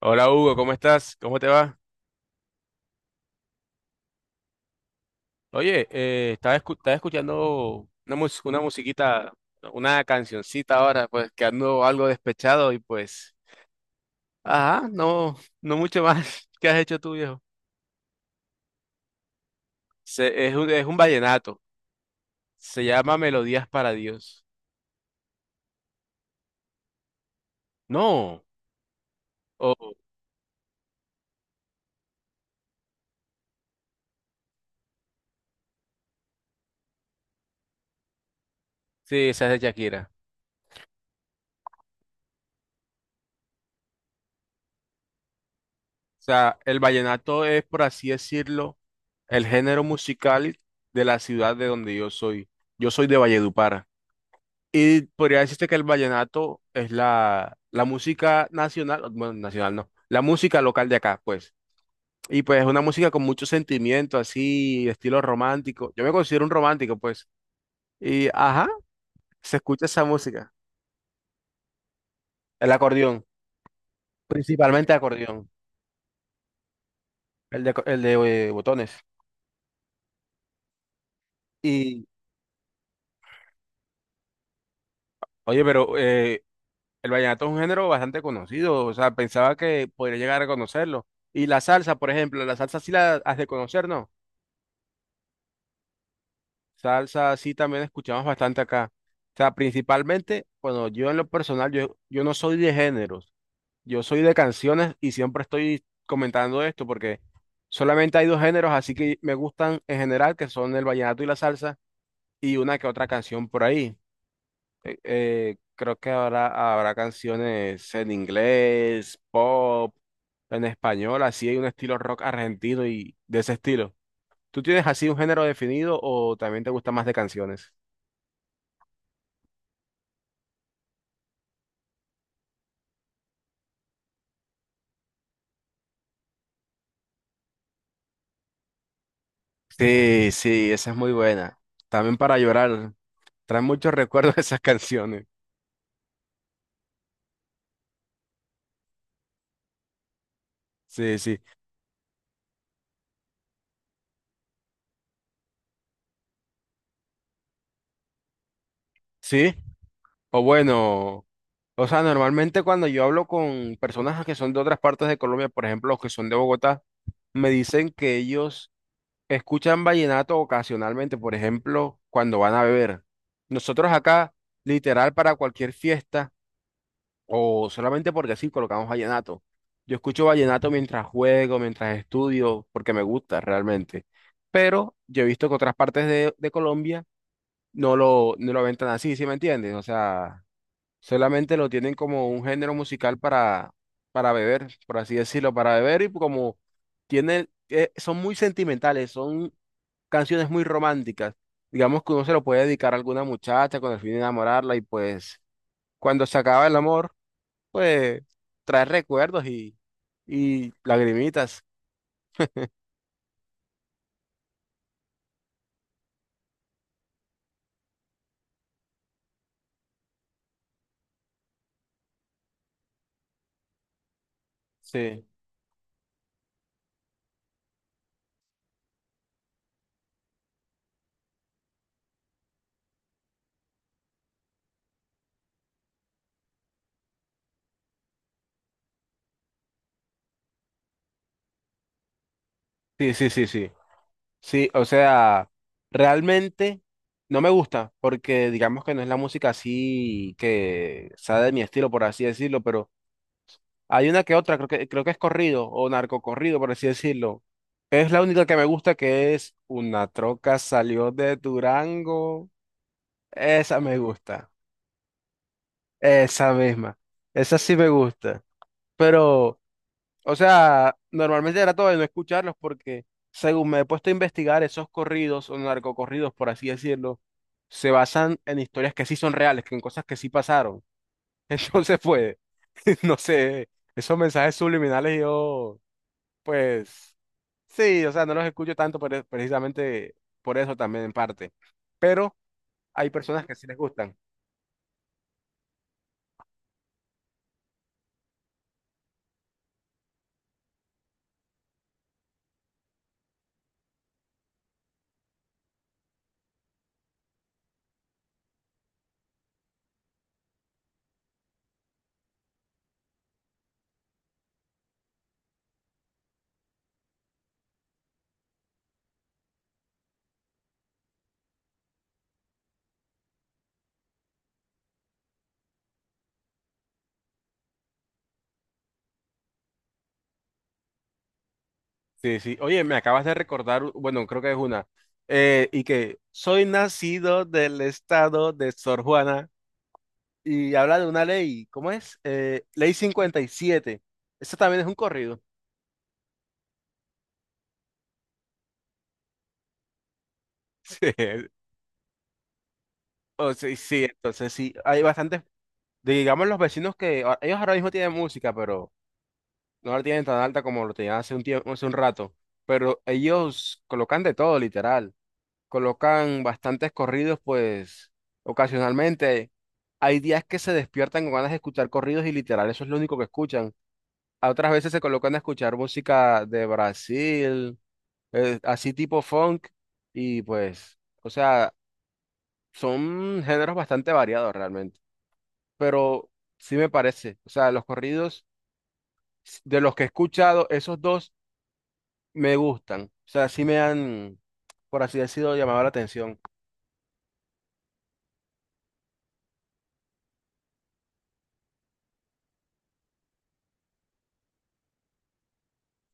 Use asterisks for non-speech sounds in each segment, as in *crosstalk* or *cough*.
Hola Hugo, ¿cómo estás? ¿Cómo te va? Oye, estaba, estaba escuchando una, una musiquita, una cancioncita ahora, pues que ando algo despechado y pues, ajá, no, no mucho más. *laughs* ¿Qué has hecho tú, viejo? Es un, es un vallenato, se llama Melodías para Dios. No, oh, sí, esa es de Shakira. O sea, el vallenato es, por así decirlo, el género musical de la ciudad de donde yo soy. Yo soy de Valledupar. Y podría decirte que el vallenato es la, la música nacional, bueno, nacional no, la música local de acá, pues. Y pues es una música con mucho sentimiento, así, estilo romántico. Yo me considero un romántico, pues. Y, ajá, se escucha esa música. El acordeón, principalmente acordeón, el de botones. Y, oye, pero el vallenato es un género bastante conocido, o sea, pensaba que podría llegar a conocerlo. Y la salsa, por ejemplo, la salsa sí la has de conocer, ¿no? Salsa, sí, también escuchamos bastante acá. O sea, principalmente, bueno, yo en lo personal, yo no soy de géneros, yo soy de canciones y siempre estoy comentando esto porque solamente hay dos géneros, así que me gustan en general, que son el vallenato y la salsa, y una que otra canción por ahí. Creo que habrá, habrá canciones en inglés, pop, en español, así hay un estilo rock argentino y de ese estilo. ¿Tú tienes así un género definido o también te gusta más de canciones? Sí, sí, esa es muy buena. También para llorar. Trae muchos recuerdos *laughs* esas canciones. Sí, sí. Sí, o bueno, o sea, normalmente cuando yo hablo con personas que son de otras partes de Colombia, por ejemplo, los que son de Bogotá, me dicen que ellos escuchan vallenato ocasionalmente, por ejemplo, cuando van a beber. Nosotros acá, literal, para cualquier fiesta, o solamente porque sí colocamos vallenato. Yo escucho vallenato mientras juego, mientras estudio, porque me gusta realmente. Pero yo he visto que otras partes de Colombia no lo, no lo ven tan así, ¿sí me entiendes? O sea, solamente lo tienen como un género musical para beber, por así decirlo, para beber y como tienen, son muy sentimentales, son canciones muy románticas. Digamos que uno se lo puede dedicar a alguna muchacha con el fin de enamorarla y pues cuando se acaba el amor pues trae recuerdos y lagrimitas. Sí, sí, sí, sí, sí. Sí, o sea, realmente no me gusta porque digamos que no es la música así que sea de mi estilo, por así decirlo, pero hay una que otra, creo que es corrido o narcocorrido, por así decirlo. Es la única que me gusta que es Una troca salió de Durango. Esa me gusta, esa misma, esa sí me gusta, pero... O sea, normalmente trato de no escucharlos porque, según me he puesto a investigar, esos corridos o narcocorridos, por así decirlo, se basan en historias que sí son reales, que en cosas que sí pasaron. *laughs* Entonces, pues, *laughs* no sé, esos mensajes subliminales yo, pues, sí, o sea, no los escucho tanto por precisamente por eso también en parte. Pero hay personas que sí les gustan. Sí, sí. Oye, me acabas de recordar, bueno, creo que es una, y que soy nacido del estado de Sor Juana y habla de una ley, ¿cómo es? Ley 57. Eso también es un corrido. *laughs* Sí, o sí, sí, entonces sí, hay bastantes, digamos los vecinos que, ellos ahora mismo tienen música, pero no la tienen tan alta como lo tenían hace un tiempo, hace un rato, pero ellos colocan de todo, literal. Colocan bastantes corridos, pues ocasionalmente hay días que se despiertan con ganas de escuchar corridos y literal, eso es lo único que escuchan. A otras veces se colocan a escuchar música de Brasil, así tipo funk, y pues, o sea, son géneros bastante variados realmente, pero sí me parece, o sea, los corridos de los que he escuchado, esos dos me gustan, o sea, sí me han, por así decirlo, llamado la atención.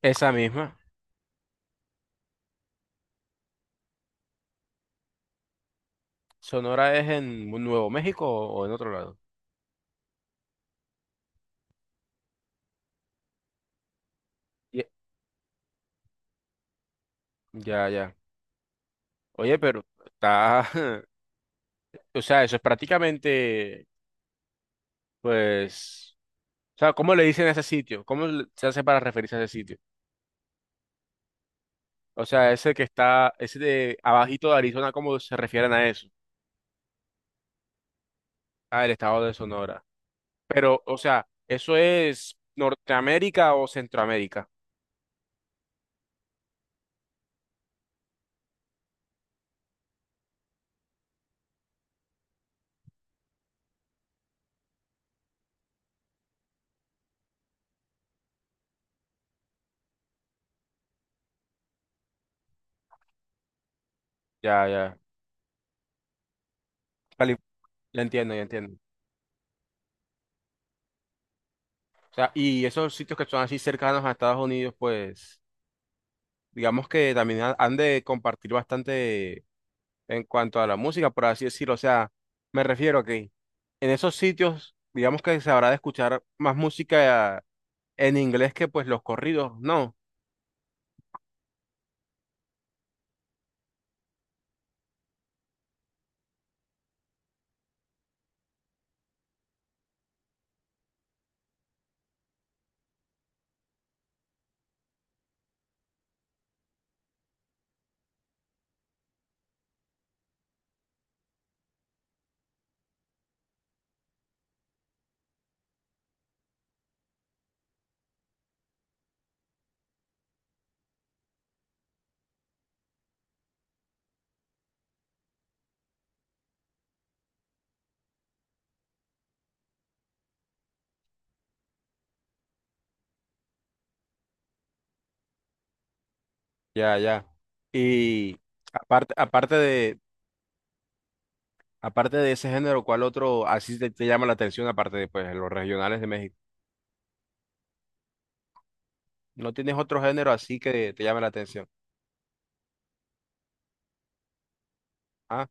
Esa misma. ¿Sonora es en Nuevo México o en otro lado? Ye- Ya, ya. Oye, pero está... *laughs* O sea, eso es prácticamente, pues... O sea, ¿cómo le dicen a ese sitio? Se hace para referirse a ese sitio? O sea, ese que está, ese de abajito de Arizona, ¿cómo se refieren a eso? Ah, el estado de Sonora. Pero, o sea, ¿eso es Norteamérica o Centroamérica? Ya, ya. Cali- Ya entiendo, ya entiendo. O sea, y esos sitios que son así cercanos a Estados Unidos, pues... digamos que también han de compartir bastante en cuanto a la música, por así decirlo. O sea, me refiero a que en esos sitios, digamos que se habrá de escuchar más música en inglés que pues los corridos, no. Ya, ya. Y aparte, aparte de ese género, ¿cuál otro así te, te llama la atención aparte de pues los regionales de México? ¿No tienes otro género así que te llame la atención? Ah,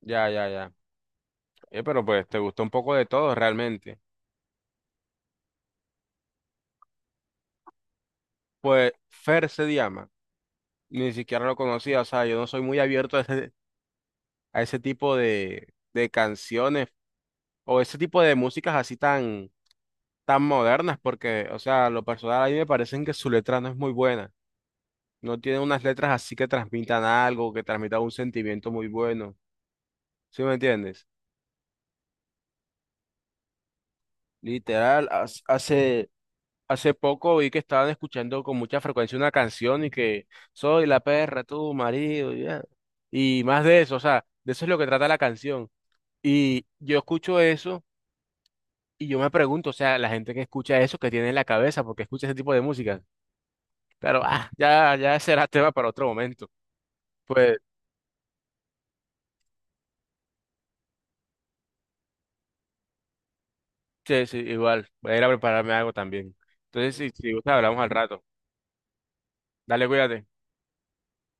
ya, ya, ya. Pero pues te gustó un poco de todo realmente. Pues Fer se llama. Ni siquiera lo conocía, o sea, yo no soy muy abierto a ese tipo de canciones o ese tipo de músicas así tan, tan modernas, porque, o sea, lo personal a mí me parecen que su letra no es muy buena, no tiene unas letras así que transmitan algo, que transmitan un sentimiento muy bueno, ¿sí me entiendes? Literal, Hace poco vi que estaban escuchando con mucha frecuencia una canción y que soy la perra, tu marido, ya. Y más de eso, o sea, de eso es lo que trata la canción. Y yo escucho eso y yo me pregunto, o sea, la gente que escucha eso, que tiene en la cabeza, porque escucha ese tipo de música. Claro, *laughs* ah, ya, ya será tema para otro momento. Pues, sí, sí, igual, voy a ir a prepararme algo también. Entonces, si, si gusta, hablamos al rato. Dale, cuídate.